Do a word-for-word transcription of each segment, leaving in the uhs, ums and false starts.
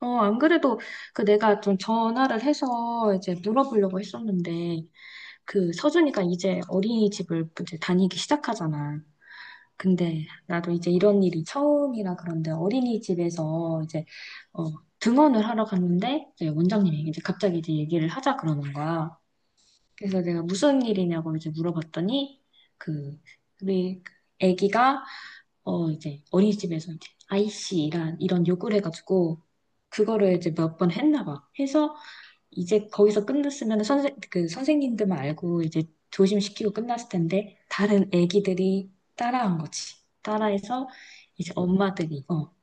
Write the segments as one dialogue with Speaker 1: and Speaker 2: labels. Speaker 1: 어, 안 그래도 그 내가 좀 전화를 해서 이제 물어보려고 했었는데, 그 서준이가 이제 어린이집을 이제 다니기 시작하잖아. 근데 나도 이제 이런 일이 처음이라. 그런데 어린이집에서 이제 어, 등원을 하러 갔는데 이제 원장님이 이제 갑자기 이제 얘기를 하자 그러는 거야. 그래서 내가 무슨 일이냐고 이제 물어봤더니, 그 우리 애기가 어, 이제 어린이집에서 이제 아이씨란 이런 요구를 해가지고 그거를 이제 몇 번 했나 봐. 해서 이제 거기서 끝났으면 선생 그 선생님들만 알고 이제 조심시키고 끝났을 텐데, 다른 애기들이 따라한 거지. 따라해서 이제 엄마들이 어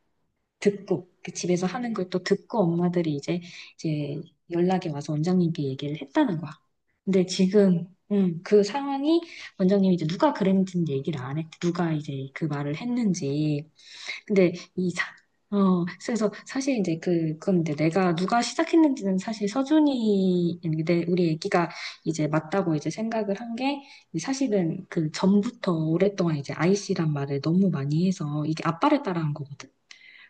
Speaker 1: 듣고, 그 집에서 하는 걸 또 듣고 엄마들이 이제 이제 연락이 와서 원장님께 얘기를 했다는 거야. 근데 지금 음, 그 상황이 원장님이 이제 누가 그랬는지는 얘기를 안 했대. 누가 이제 그 말을 했는지. 근데 이 사, 어, 그래서 사실 이제 그, 그건데, 내가 누가 시작했는지는 사실 서준이, 내, 우리 애기가 이제 맞다고 이제 생각을 한 게, 사실은 그 전부터 오랫동안 이제 아이씨란 말을 너무 많이 해서, 이게 아빠를 따라한 거거든?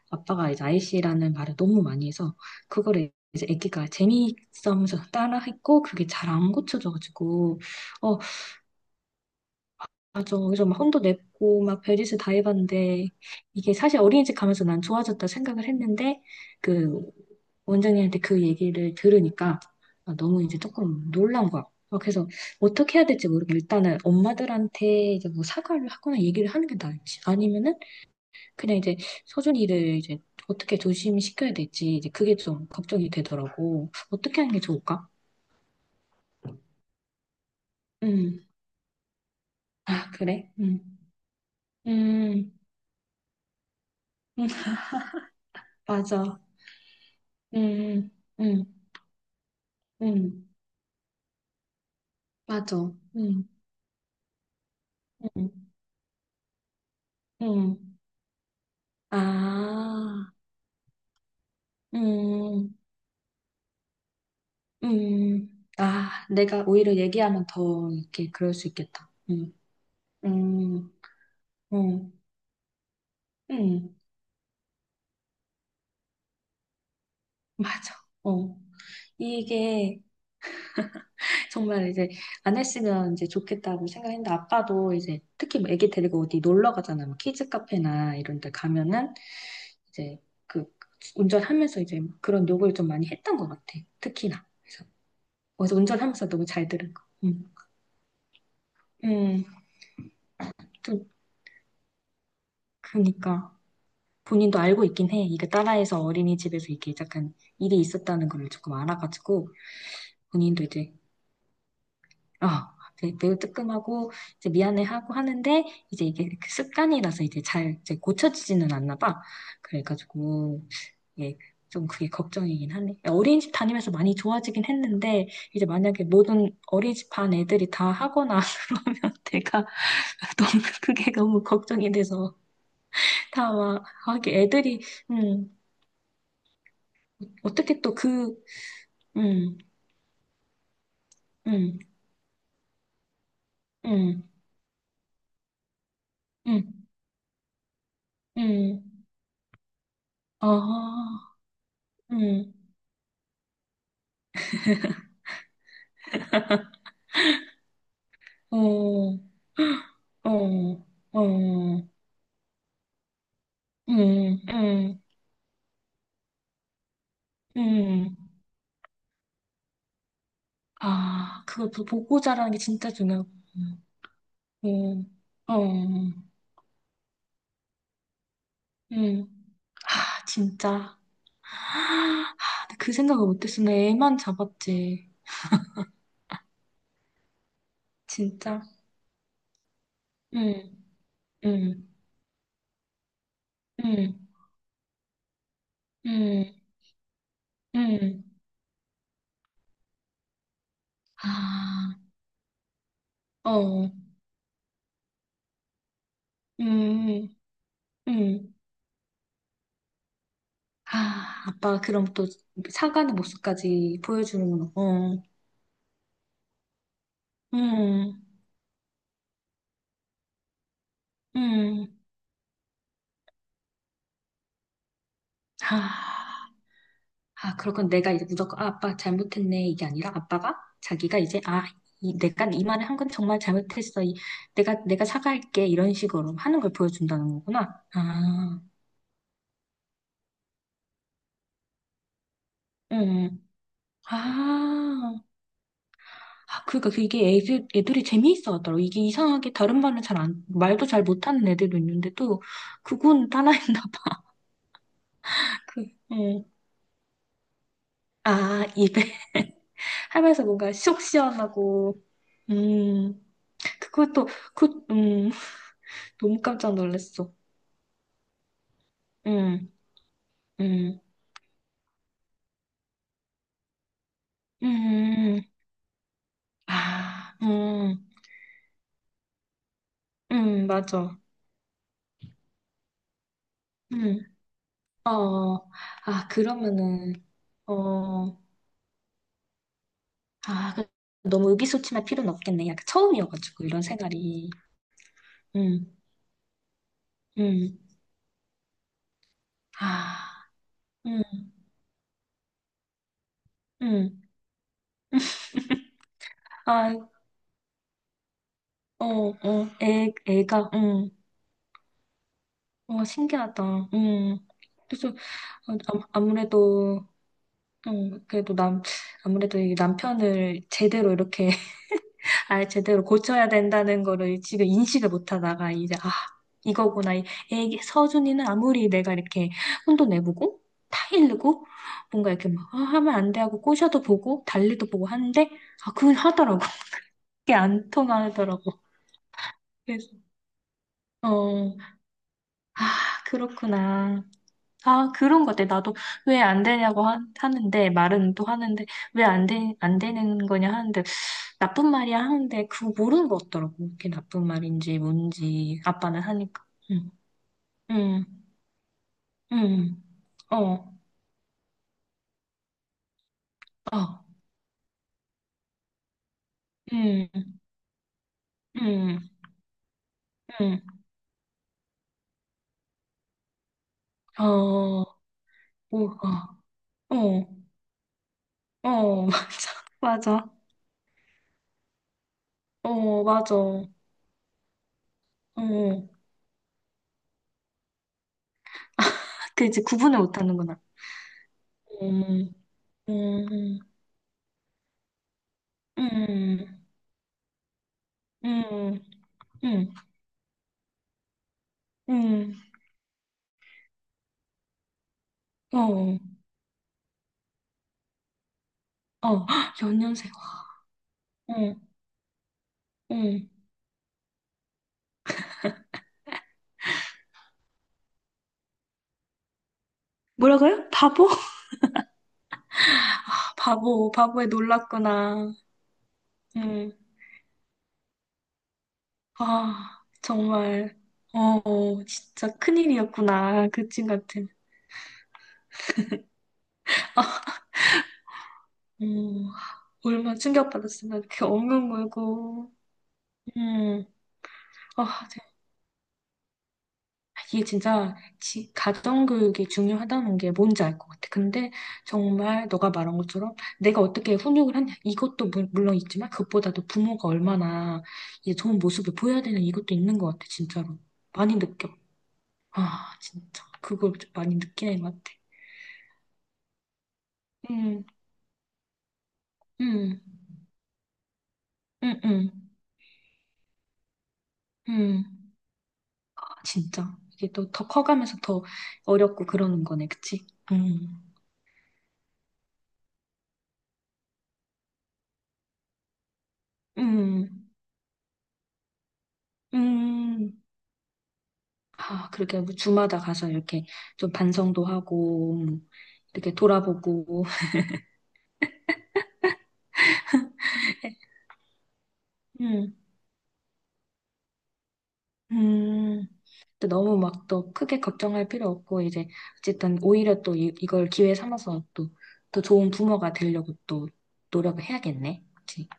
Speaker 1: 아빠가 이제 아이씨라는 말을 너무 많이 해서, 그거를 이제 애기가 재미있어 하면서 따라했고, 그게 잘 안 고쳐져가지고, 어, 맞아. 그래서 막 혼도 냈고, 막 별짓을 다 해봤는데, 이게 사실 어린이집 가면서 난 좋아졌다 생각을 했는데, 그 원장님한테 그 얘기를 들으니까, 아, 너무 이제 조금 놀란 거야. 어, 그래서 어떻게 해야 될지 모르고, 일단은 엄마들한테 이제 뭐 사과를 하거나 얘기를 하는 게 나을지, 아니면은 그냥 이제 서준이를 이제 어떻게 조심시켜야 될지, 이제 그게 좀 걱정이 되더라고. 어떻게 하는 게 좋을까? 음. 아, 그래? 음. 음. 음. 맞아. 음. 음. 음. 응, 맞아. 응, 응, 응. 아, 음. 음. 아, 내가 오히려 얘기하면 더 이렇게 그럴 수 있겠다. 응. 응. 응, 응, 맞아. 어. 이게 정말 이제 안 했으면 이제 좋겠다고 생각했는데, 아빠도 이제 특히 뭐 애기 데리고 어디 놀러 가잖아. 뭐 키즈 카페나 이런 데 가면은 이제 그 운전하면서 이제 그런 욕을 좀 많이 했던 것 같아. 특히나. 그래서 운전하면서 너무 잘 들은 거. 음. 음. 또, 그니까. 본인도 알고 있긴 해. 이게 딸아이에서 어린이집에서 이게 약간 일이 있었다는 걸 조금 알아가지고, 본인도 이제, 아, 되게 매우 뜨끔하고, 이제 미안해하고 하는데, 이제 이게 그 습관이라서 이제 잘 이제 고쳐지지는 않나 봐. 그래가지고, 예, 좀 그게 걱정이긴 하네. 어린이집 다니면서 많이 좋아지긴 했는데, 이제 만약에 모든 어린이집 반 애들이 다 하거나, 내가 너무 그게 너무 걱정이 돼서. 다 막, 하기 애들이, 음, 어떻게 또 그, 음. 음. 음. 음. 음. 아, 음. 어. 어. 어. 음. 음. 음. 아, 그걸 보- 보고 자라는 게 진짜 중요하고, 음, 어, 음, 아, 진짜. 아, 그 생각을 못했어. 내 애만 잡았지. 진짜. 응. 응. 응. 응. 음. 아, 어, 음. 음. 아, 아빠가 그럼 또 사과의 모습까지 보여주는구나. 어, 음. 음. 아, 아, 그렇군. 내가 이제 무조건, 아, 아빠 잘못했네, 이게 아니라 아빠가 자기가 이제, 아, 이, 내가 이 말을 한 건 정말 잘못했어. 이, 내가, 내가 사과할게. 이런 식으로 하는 걸 보여준다는 거구나. 아, 음. 아, 아, 그러니까 그게 애들, 애들이 재미있어 하더라고. 이게 이상하게 다른 말은 잘 안, 말도 잘 못하는 애들도 있는데도 그건 하나였나 봐. 그, 어. 아, 입에 하면서 뭔가 속 시원하고, 음, 그것도, 그, 음, 너무 깜짝 놀랐어. 음. 음. 음. 아, 음. 음. 맞아. 음. 어, 아, 그러면은, 어, 아, 그- 너무 의기소침할 필요는 없겠네. 약간 처음이어가지고, 이런 생활이. 응. 응. 아, 응, 응. 아, 어, 어, 애, 애가, 응. 와, 신기하다. 응. 그래서, 어, 아- 아무래도, 응, 그래도 남, 아무래도 이 남편을 제대로 이렇게, 아, 제대로 고쳐야 된다는 거를 지금 인식을 못 하다가, 이제, 아, 이거구나. 이 애기, 서준이는 아무리 내가 이렇게 혼도 내보고, 타이르고, 뭔가 이렇게 막, 아, 하면 안 돼 하고 꼬셔도 보고, 달래도 보고 하는데, 아, 그걸 하더라고. 그게 안 통하더라고. 그래서, 어, 아, 그렇구나. 아, 그런 것 같아. 나도 왜 안 되냐고 하, 는데 말은 또 하는데, 왜 안 되, 안 되는 거냐 하는데, 나쁜 말이야 하는데, 그거 모르는 것 같더라고. 그게 나쁜 말인지 뭔지, 아빠는 하니까. 응. 응. 응. 어. 어. 응. 응. 응. 어. 오. 어. 어. 어. 맞아, 맞아, 어, 맞아, 어. 그 이제 구분을 못하는구나. 음. 음. 음. 음. 음. 음. 어. 어. 연년생. 응. 응. 뭐라고요? 바보? 아, 바보, 바보에 놀랐구나. 응. 아, 정말. 어, 어, 진짜 큰일이었구나. 그 친 같은. 음, 얼마나 충격받았으면 그렇게 엉엉 울고. 음, 아, 이게 진짜 지- 가정교육이 중요하다는 게 뭔지 알 것 같아. 근데 정말 너가 말한 것처럼 내가 어떻게 훈육을 하냐 이것도 물- 물론 있지만, 그것보다도 부모가 얼마나 이제 좋은 모습을 보여야 되는 이것도 있는 것 같아. 진짜로 많이 느껴. 아, 진짜 그걸 좀 많이 느끼는 것 같아. 음. 음. 음. 음. 음. 아, 진짜 이게 또 더 커가면서 더 어렵고 그러는 거네, 그치? 음. 음. 음. 아, 그렇게 뭐 주마다 가서 이렇게 좀 반성도 하고, 뭐 이렇게 돌아보고, 음. 음. 근데 너무 막 또 크게 걱정할 필요 없고, 이제 어쨌든 오히려 또 이, 이걸 기회 삼아서 또 더 좋은 부모가 되려고 또 노력을 해야겠네. 그치?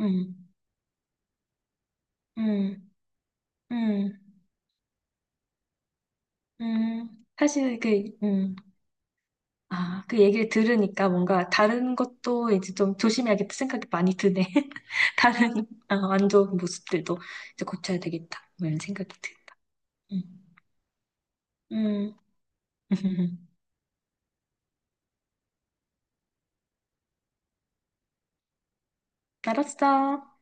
Speaker 1: 음. 음. 음. 음. 사실 그, 음. 아, 그 얘기를 들으니까 뭔가 다른 것도 이제 좀 조심해야겠다 생각이 많이 드네. 다른 어, 안 좋은 모습들도 이제 고쳐야 되겠다. 뭐 이런 생각이 든다. 음. 음. 알았어.